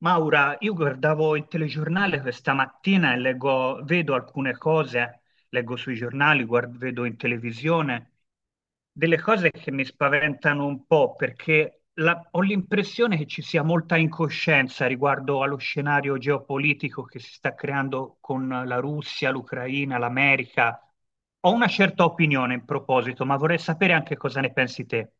Maura, io guardavo il telegiornale questa mattina e vedo alcune cose, leggo sui giornali, vedo in televisione, delle cose che mi spaventano un po' perché ho l'impressione che ci sia molta incoscienza riguardo allo scenario geopolitico che si sta creando con la Russia, l'Ucraina, l'America. Ho una certa opinione in proposito, ma vorrei sapere anche cosa ne pensi te.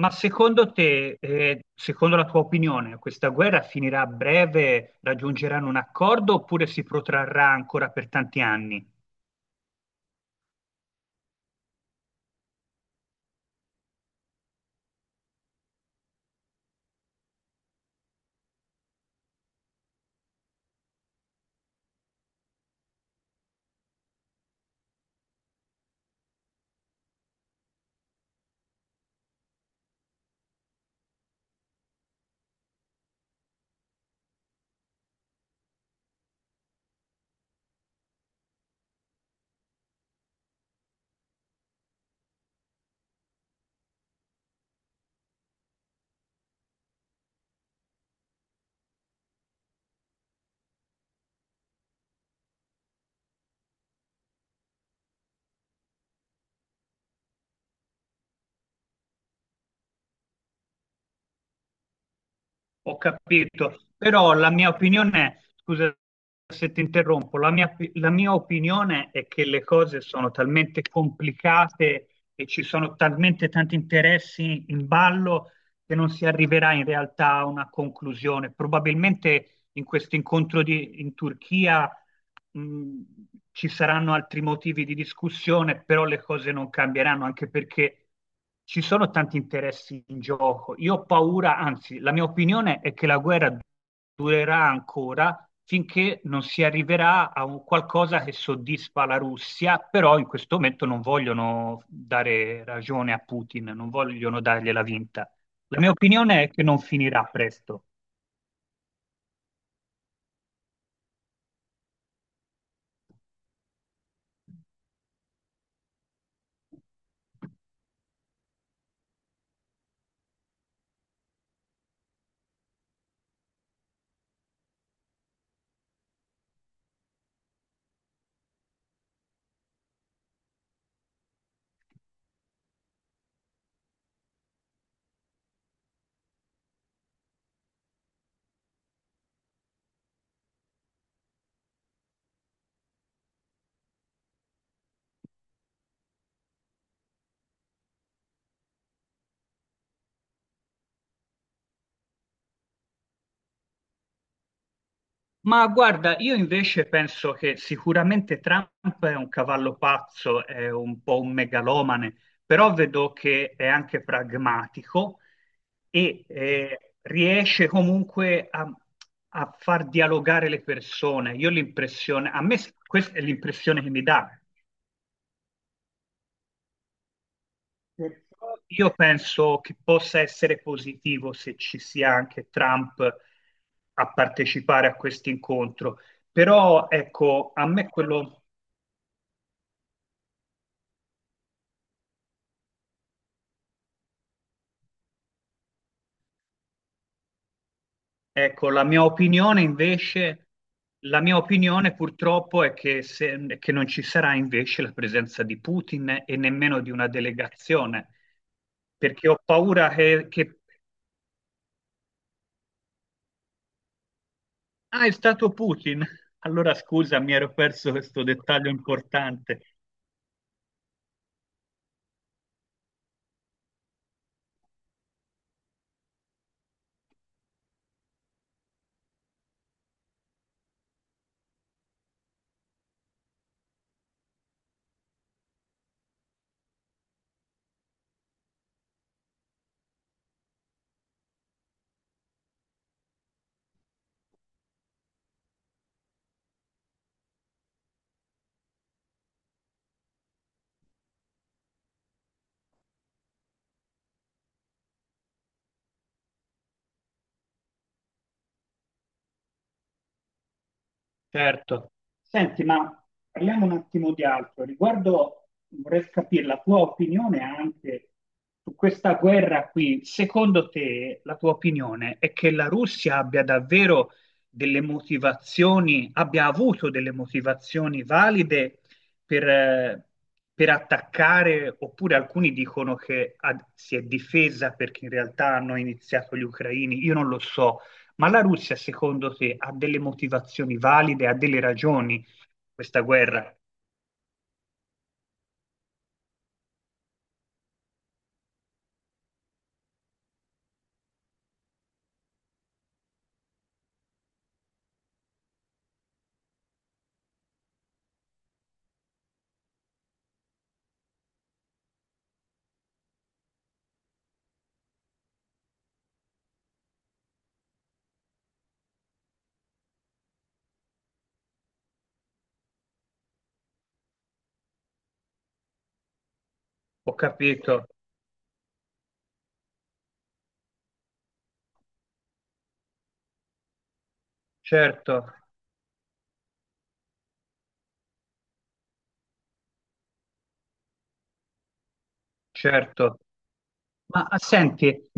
Ma secondo te, secondo la tua opinione, questa guerra finirà a breve, raggiungeranno un accordo oppure si protrarrà ancora per tanti anni? Ho capito, però la mia opinione, scusa se ti interrompo, la mia opinione è che le cose sono talmente complicate e ci sono talmente tanti interessi in ballo che non si arriverà in realtà a una conclusione. Probabilmente in questo in Turchia mh, ci saranno altri motivi di discussione, però le cose non cambieranno, anche perché ci sono tanti interessi in gioco. Io ho paura, anzi, la mia opinione è che la guerra durerà ancora finché non si arriverà a un qualcosa che soddisfa la Russia, però in questo momento non vogliono dare ragione a Putin, non vogliono dargliela vinta. La mia opinione è che non finirà presto. Ma guarda, io invece penso che sicuramente Trump è un cavallo pazzo, è un po' un megalomane, però vedo che è anche pragmatico e riesce comunque a, a far dialogare le persone. Io l'impressione, questa è l'impressione che mi dà. Però io penso che possa essere positivo se ci sia anche Trump a partecipare a questo incontro. Però ecco, a me quello. Ecco, la mia opinione invece, la mia opinione purtroppo è che, che non ci sarà invece la presenza di Putin e nemmeno di una delegazione, perché ho paura che. Ah, è stato Putin. Allora scusa, mi ero perso questo dettaglio importante. Certo. Senti, ma parliamo un attimo di altro. Riguardo, vorrei capire la tua opinione anche su questa guerra qui. Secondo te, la tua opinione è che la Russia abbia davvero delle motivazioni, abbia avuto delle motivazioni valide per, eh, per attaccare, oppure alcuni dicono che si è difesa perché in realtà hanno iniziato gli ucraini. Io non lo so. Ma la Russia, secondo te, ha delle motivazioni valide, ha delle ragioni questa guerra? Ho capito, certo, certo. Ma senti,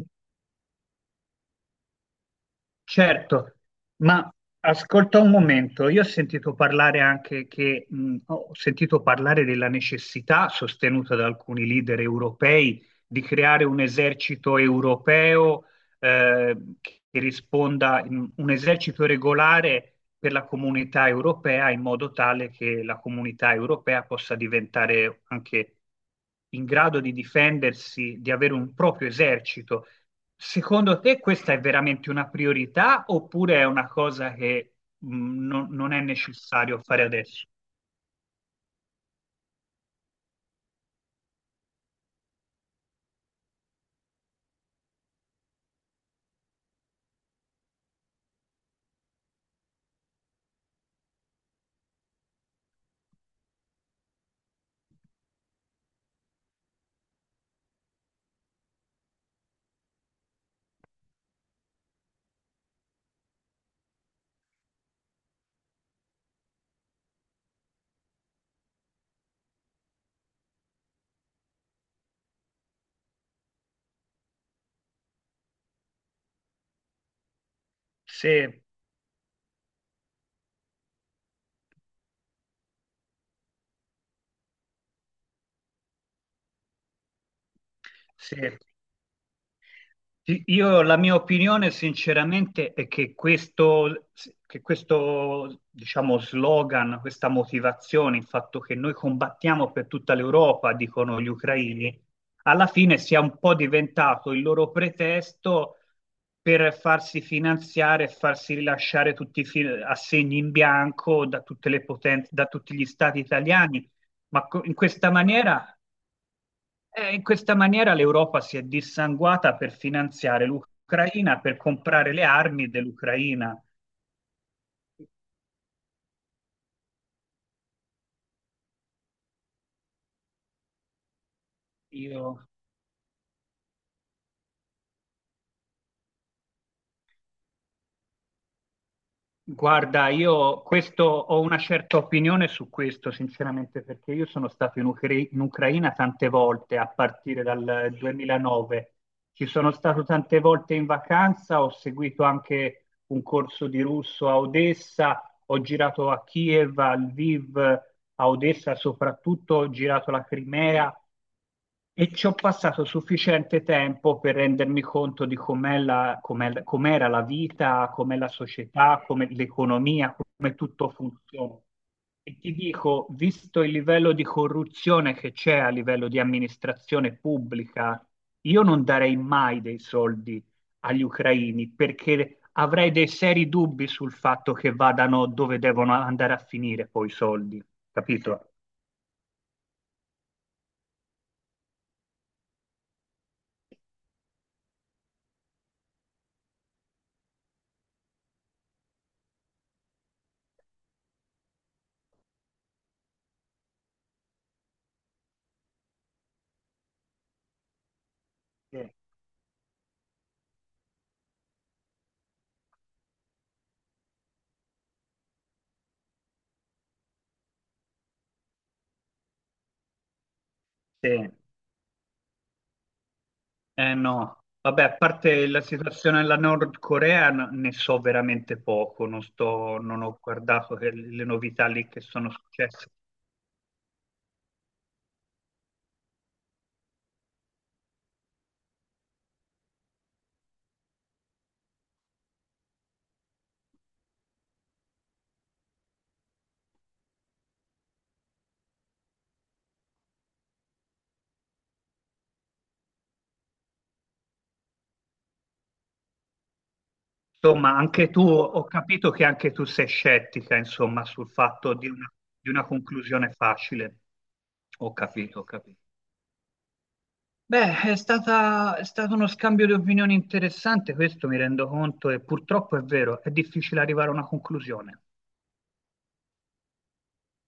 certo, ma ascolta un momento, io ho sentito parlare anche che, ho sentito parlare della necessità, sostenuta da alcuni leader europei, di creare un esercito europeo, eh, che risponda, un esercito regolare per la comunità europea in modo tale che la comunità europea possa diventare anche in grado di difendersi, di avere un proprio esercito. Secondo te questa è veramente una priorità oppure è una cosa che mh, non è necessario fare adesso? Se, se Sì, io la mia opinione sinceramente è che questo, diciamo, slogan, questa motivazione, il fatto che noi combattiamo per tutta l'Europa, dicono gli ucraini, alla fine sia un po' diventato il loro pretesto per farsi finanziare e farsi rilasciare tutti i assegni in bianco da tutte le potenze, da tutti gli stati italiani. In questa maniera in questa maniera l'Europa si è dissanguata per finanziare l'Ucraina, per comprare le armi dell'Ucraina. Io, guarda, io questo, ho una certa opinione su questo, sinceramente, perché io sono stato in Ucraina tante volte a partire dal 2009. Ci sono stato tante volte in vacanza, ho seguito anche un corso di russo a Odessa, ho girato a Kiev, a Lviv, a Odessa soprattutto, ho girato la Crimea. E ci ho passato sufficiente tempo per rendermi conto di com'era la vita, com'è la società, com'è l'economia, come tutto funziona. E ti dico, visto il livello di corruzione che c'è a livello di amministrazione pubblica, io non darei mai dei soldi agli ucraini perché avrei dei seri dubbi sul fatto che vadano dove devono andare a finire poi i soldi, capito? Sì. Sì. Eh no, vabbè, a parte la situazione della Nord Corea ne so veramente poco, non sto, non ho guardato le novità lì che sono successe. Insomma, anche tu, ho capito che anche tu sei scettica, insomma, sul fatto di una conclusione facile. Ho capito, ho capito. Beh, è stato uno scambio di opinioni interessante, questo mi rendo conto, e purtroppo è vero, è difficile arrivare a una conclusione.